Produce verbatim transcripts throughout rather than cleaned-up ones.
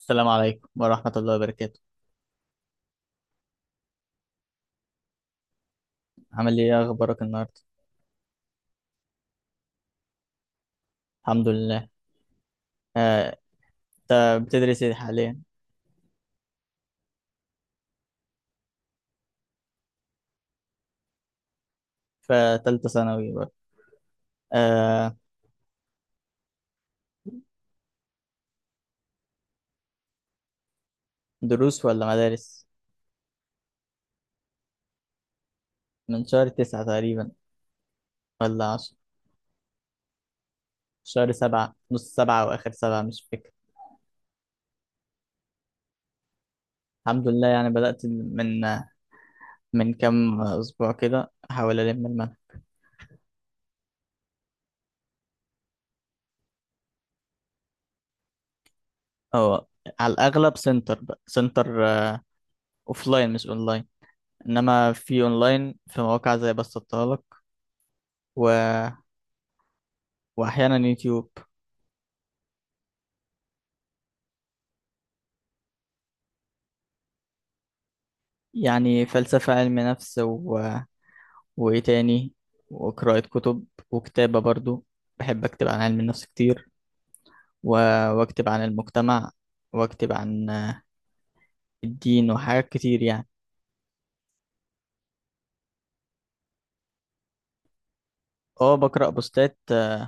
السلام عليكم ورحمة الله وبركاته. عامل ايه؟ إيه اخبارك النهاردة؟ الحمد لله. آه، انت بتدرس ايه حاليا؟ فتالتة ثانوي برضه. آه، دروس ولا مدارس؟ من شهر تسعة تقريبا، ولا عشرة. شهر سبعة، نص سبعة واخر سبعة، مش فاكر. الحمد لله، يعني بدأت من من كام اسبوع كده، احاول الم المنهج. اه، على الاغلب سنتر، بقى سنتر آه، اوفلاين مش اونلاين. انما في اونلاين، في مواقع زي بسطتهالك و... واحيانا يوتيوب. يعني فلسفة، علم نفس و... وإيه تاني، وقراءة كتب، وكتابة برضو. بحب أكتب عن علم النفس كتير و... وأكتب عن المجتمع، وأكتب عن آه، الدين وحاجات كتير يعني. اه، بقرأ بوستات، آه،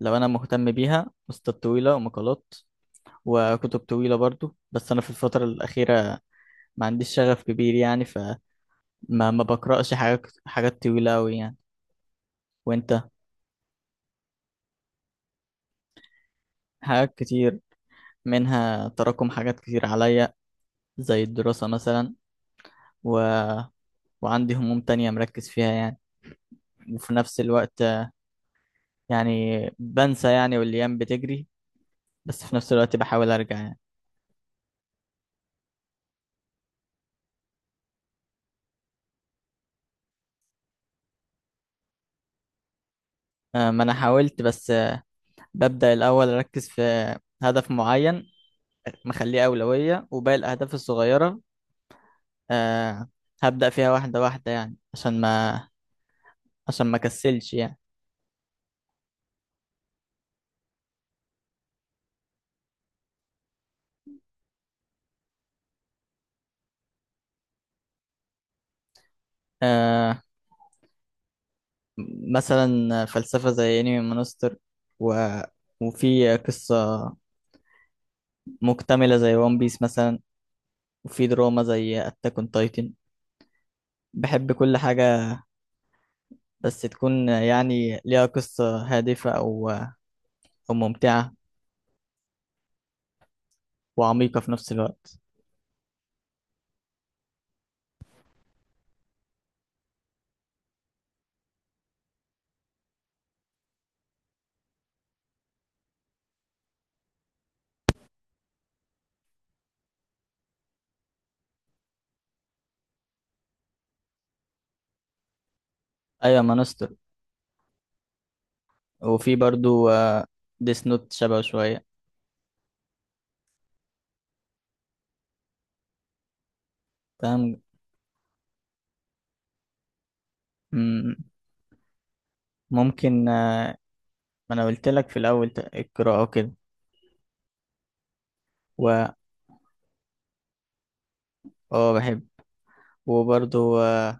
لو أنا مهتم بيها، بوستات طويلة ومقالات، وكتب طويلة برضو. بس أنا في الفترة الأخيرة ما عنديش شغف كبير يعني، فما ما بقرأش حاجات حاجات طويلة أوي يعني. وأنت؟ حاجات كتير، منها تراكم حاجات كتير عليا، زي الدراسة مثلا، و... وعندي هموم تانية مركز فيها يعني، وفي نفس الوقت آه، يعني بنسى يعني، والأيام بتجري، بس في نفس الوقت بحاول أرجع يعني. آه، ما أنا حاولت، بس آه، ببدأ الأول أركز في هدف معين، مخليه أولوية، وباقي الأهداف الصغيرة آه، هبدأ فيها واحدة واحدة، يعني عشان ما عشان ما كسلش يعني. آه، مثلا فلسفة زي انمي مونستر، و... وفي قصة مكتملة زي ون بيس مثلا، وفي دراما زي اتاك اون تايتن. بحب كل حاجة، بس تكون يعني ليها قصة هادفة، أو أو ممتعة وعميقة في نفس الوقت. أيوة، مانستر. وفي برضو ديس نوت شبه شوية. تمام. مم، ممكن آه، ما أنا قلت لك في الأول، ت- القراءة وكده. و اه، بحب. وبرضو آه،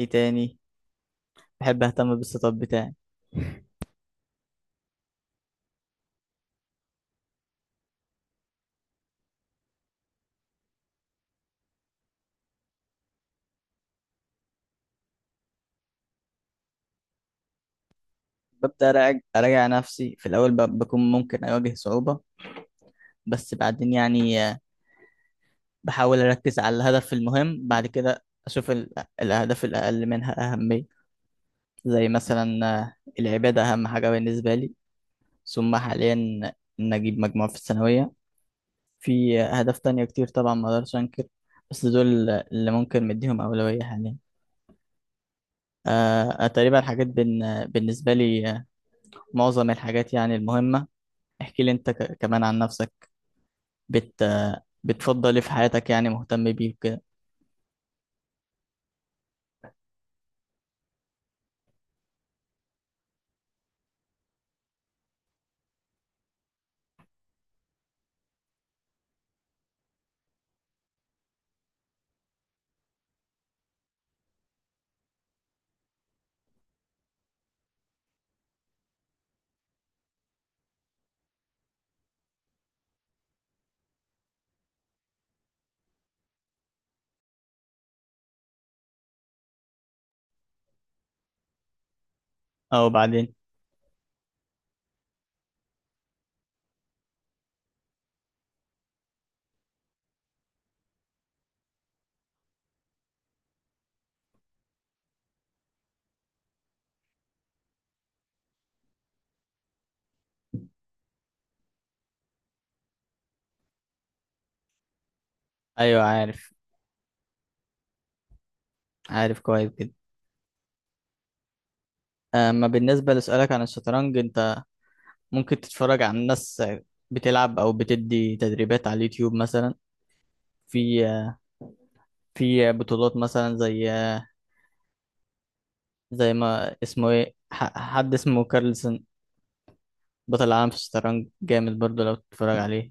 إيه تاني، بحب أهتم بالسيت اب بتاعي. ببدأ أراجع أراجع نفسي في الأول، ب- بكون ممكن أواجه صعوبة، بس بعدين يعني آه، بحاول أركز على الهدف المهم، بعد كده أشوف ال- الأهداف الأقل منها أهمية. زي مثلا آه، العبادة أهم حاجة بالنسبة لي، ثم حاليا إن أجيب مجموع في الثانوية. في أهداف تانية كتير طبعا، ما أقدرش أنكر، بس دول اللي ممكن مديهم أولوية حاليا. آه آه، تقريبا الحاجات بن... بالنسبة لي، آه، معظم الحاجات يعني المهمة. احكي لي أنت ك... كمان عن نفسك. بت... آه، بتفضل إيه في حياتك يعني، مهتم بيه وكده؟ أو بعدين. أيوه عارف عارف كويس جدا. اما بالنسبة لسؤالك عن الشطرنج، انت ممكن تتفرج على ناس بتلعب او بتدي تدريبات على اليوتيوب مثلا. في آه، في بطولات مثلا، زي آه، زي ما اسمه ايه، ح- حد اسمه كارلسن، بطل العالم في الشطرنج. جامد برضو لو تتفرج عليه.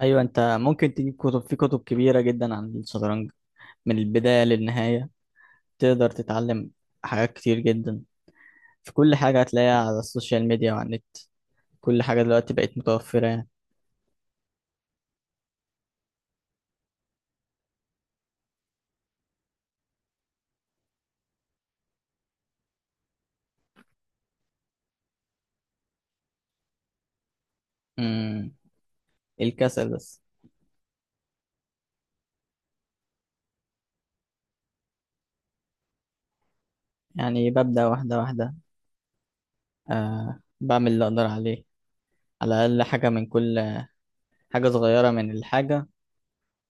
ايوه، انت ممكن تجيب كتب، في كتب كبيرة جدا عن الشطرنج، من البداية للنهاية تقدر تتعلم حاجات كتير جدا. في كل حاجة هتلاقيها على السوشيال ميديا وعلى النت. كل حاجة دلوقتي بقت متوفرة يعني. امم الكسل بس. يعني ببدأ واحدة واحدة، أه بعمل اللي أقدر عليه، على الأقل حاجة من كل حاجة، صغيرة من الحاجة،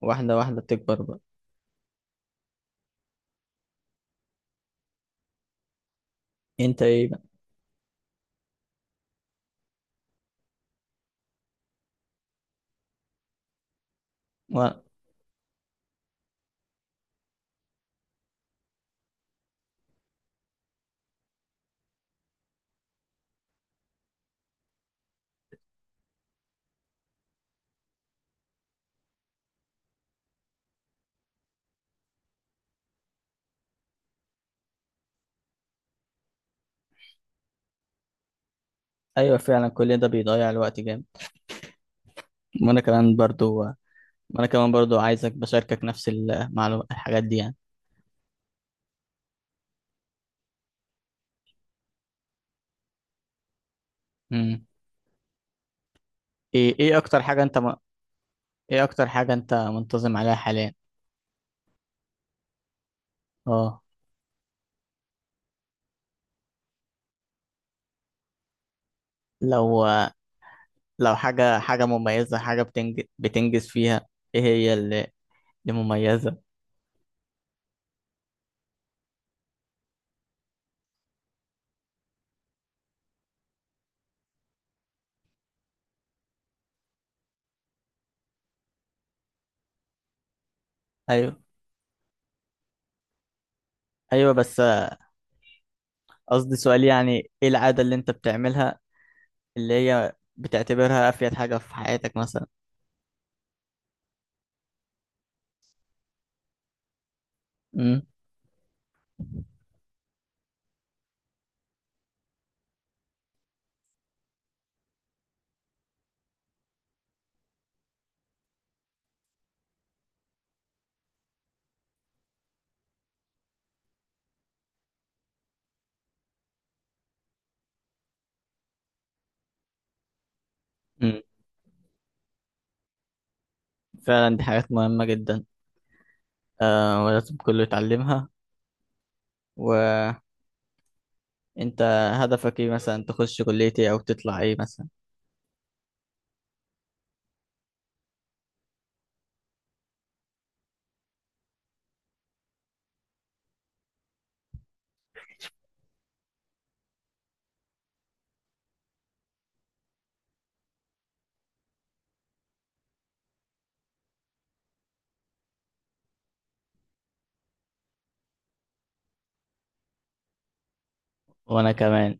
واحدة واحدة بتكبر بقى. أنت إيه بقى؟ و... أيوة فعلا، كل ده بيضيع الوقت جامد. وأنا كمان برضو. وأنا كمان برضو عايزك بشاركك نفس المعلومات، الحاجات دي يعني. مم. إيه إيه أكتر حاجة أنت م... إيه أكتر حاجة أنت منتظم عليها حاليا؟ أه. لو لو حاجة حاجة مميزة، حاجة بتنج... بتنجز فيها، إيه هي اللي اللي مميزة؟ أيوة، أيوة، بس قصدي سؤال، يعني ايه العادة اللي انت بتعملها اللي هي بتعتبرها افيد حاجة في حياتك مثلا؟ امم امم فعلا، دي حاجات مهمة جدا، آه، ولازم كله يتعلمها. وانت هدفك ايه مثلا، تخش كلية ايه او تطلع ايه مثلا؟ وانا كمان